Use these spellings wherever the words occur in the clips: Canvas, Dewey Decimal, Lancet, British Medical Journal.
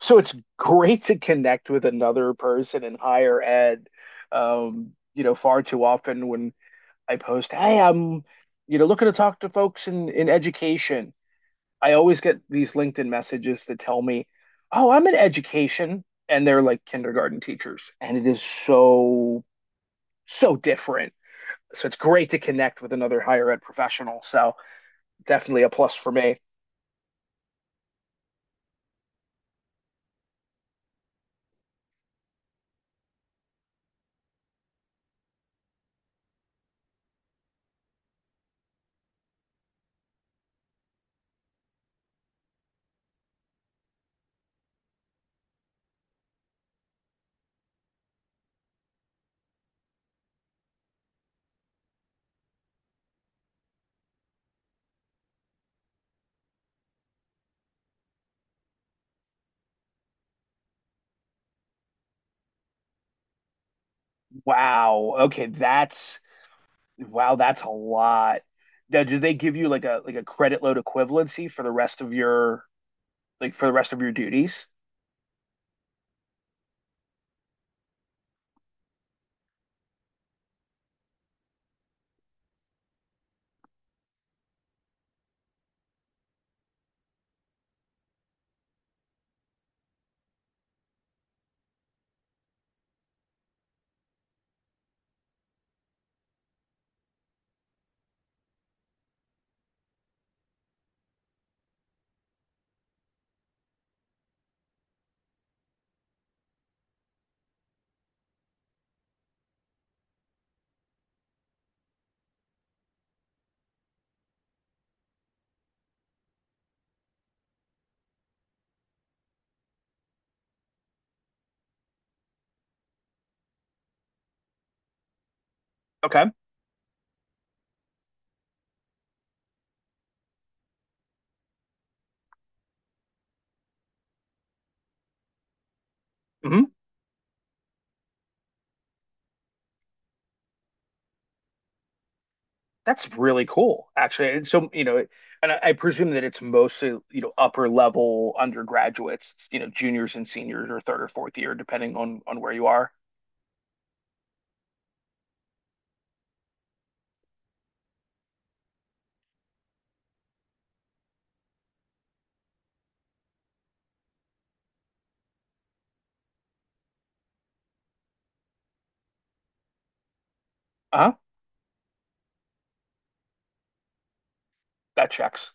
So it's great to connect with another person in higher ed. Far too often when I post, hey, I'm looking to talk to folks in education, I always get these LinkedIn messages that tell me, oh, I'm in education, and they're like kindergarten teachers, and it is so different. So it's great to connect with another higher ed professional. So definitely a plus for me. Wow. Okay, that's Wow, that's a lot. Now, do they give you like a credit load equivalency for the rest of your, like for the rest of your duties? Okay. Hmm. That's really cool, actually. And so, you know, and I presume that it's mostly, you know, upper level undergraduates, you know, juniors and seniors, or third or fourth year, depending on where you are. Uh-huh. That checks.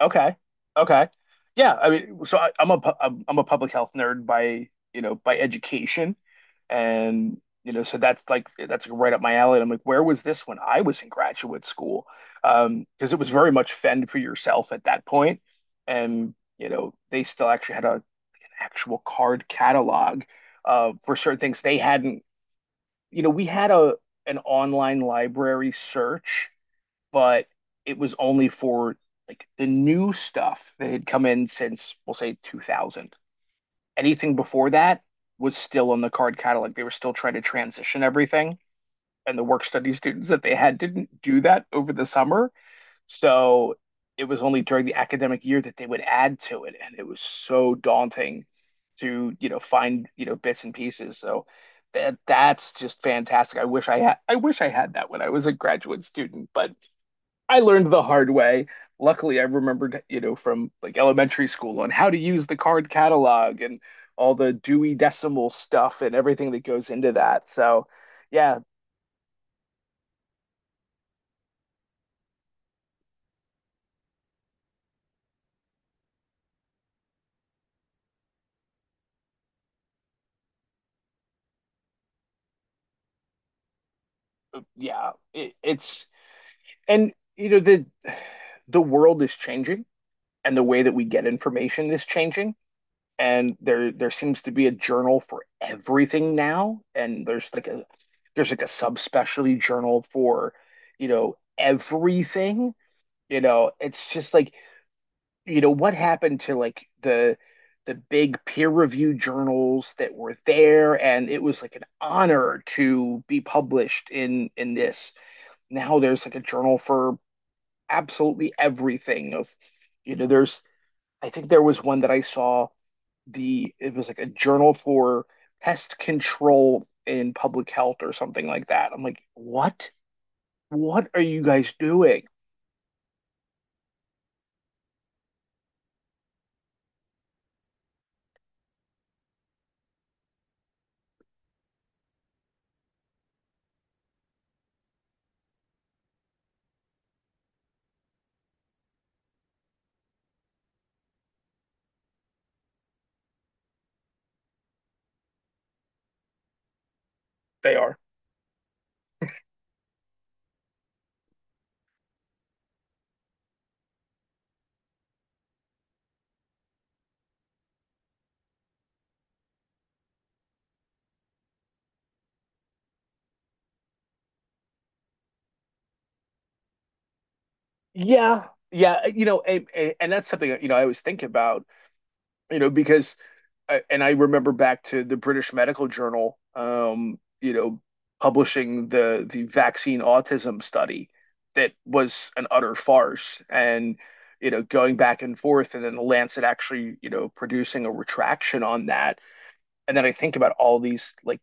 Okay. Okay. Yeah, I mean, so I, I'm a pu- I'm a public health nerd by, you know, by education. And, you know, so that's like right up my alley. And I'm like, where was this when I was in graduate school? Because it was very much fend for yourself at that point. And, you know, they still actually had an actual card catalog for certain things they hadn't, you know, we had a an online library search, but it was only for like the new stuff that had come in since, we'll say, 2000. Anything before that was still on the card catalog. They were still trying to transition everything, and the work study students that they had didn't do that over the summer. So it was only during the academic year that they would add to it, and it was so daunting to, you know, find, you know, bits and pieces. So that's just fantastic. I wish I had that when I was a graduate student, but I learned the hard way. Luckily, I remembered, you know, from like elementary school on, how to use the card catalog and all the Dewey Decimal stuff and everything that goes into that. So, yeah, yeah, it's and you know, the world is changing, and the way that we get information is changing, and there seems to be a journal for everything now, and there's like a subspecialty journal for, you know, everything. You know, it's just like, you know, what happened to like the big peer reviewed journals that were there, and it was like an honor to be published in this. Now there's like a journal for absolutely everything. Of you know, there's I think there was one that I saw, the it was like a journal for pest control in public health or something like that. I'm like, what? What are you guys doing? They are. Yeah. Yeah. You know, and that's something, you know, I always think about, you know, because, and I remember back to the British Medical Journal, you know, publishing the vaccine autism study that was an utter farce, and you know, going back and forth, and then the Lancet actually, you know, producing a retraction on that, and then I think about all these like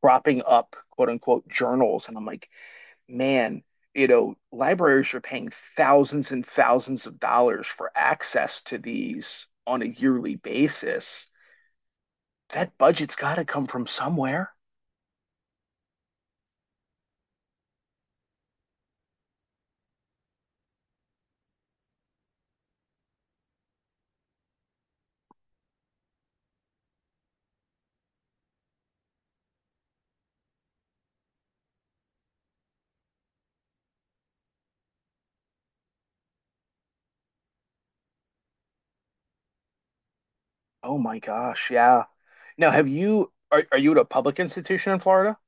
cropping up, quote unquote, journals, and I'm like, man. You know, libraries are paying thousands and thousands of dollars for access to these on a yearly basis. That budget's got to come from somewhere. Oh my gosh, yeah. Now, have you, are you at a public institution in Florida?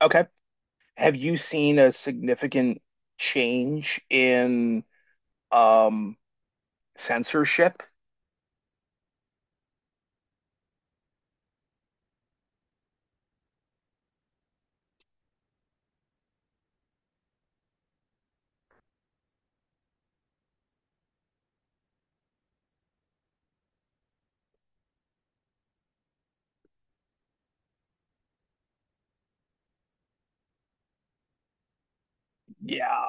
Okay. Have you seen a significant change in um censorship? Yeah.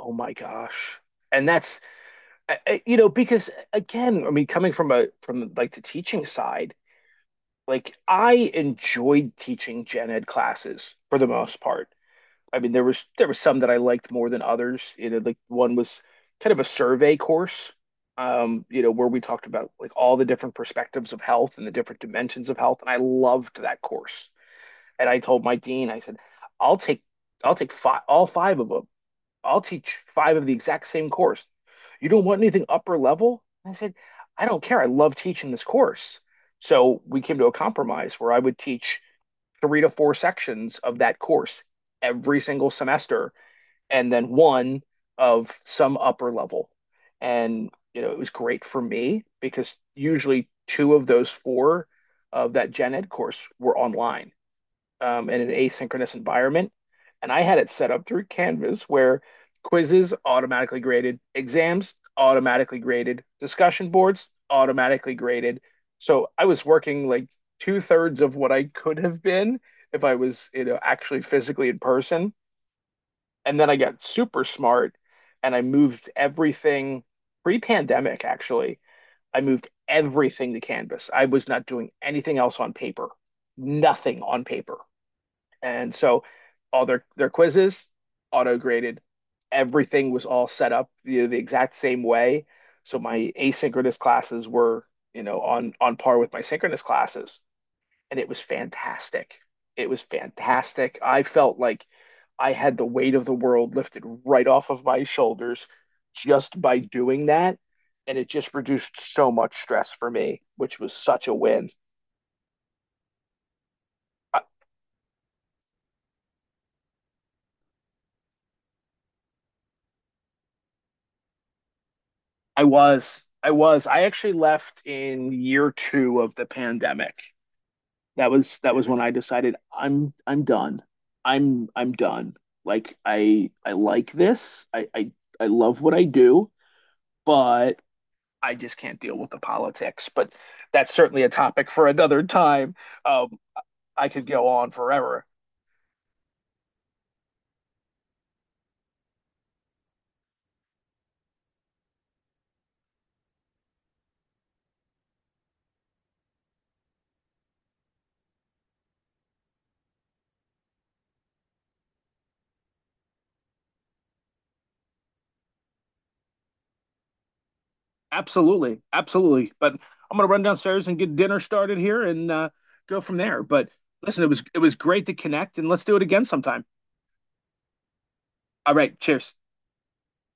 Oh my gosh. And that's you know, because again, I mean, coming from a, from like the teaching side, like I enjoyed teaching gen ed classes for the most part. I mean, there was some that I liked more than others. You know, like one was kind of a survey course, you know, where we talked about like all the different perspectives of health and the different dimensions of health, and I loved that course. And I told my dean, I said, "I'll take, five, all five of them. I'll teach five of the exact same course. You don't want anything upper level?" I said, "I don't care. I love teaching this course." So we came to a compromise where I would teach three to four sections of that course every single semester, and then one of some upper level. And, you know, it was great for me because usually two of those four of that gen ed course were online, in an asynchronous environment. And I had it set up through Canvas where quizzes automatically graded, exams automatically graded, discussion boards automatically graded. So I was working like two-thirds of what I could have been if I was, you know, actually physically in person. And then I got super smart and I moved everything pre-pandemic, actually. I moved everything to Canvas. I was not doing anything else on paper, nothing on paper. And so all their quizzes auto graded. Everything was all set up, you know, the exact same way. So my asynchronous classes were, you know, on par with my synchronous classes, and it was fantastic. It was fantastic. I felt like I had the weight of the world lifted right off of my shoulders just by doing that. And it just reduced so much stress for me, which was such a win. I, I was, I actually left in year two of the pandemic. That was when I decided I'm done. I'm done. Like I love what I do, but I just can't deal with the politics. But that's certainly a topic for another time. Um, I could go on forever. Absolutely, absolutely. But I'm gonna run downstairs and get dinner started here, and go from there. But listen, it was great to connect, and let's do it again sometime. All right, cheers.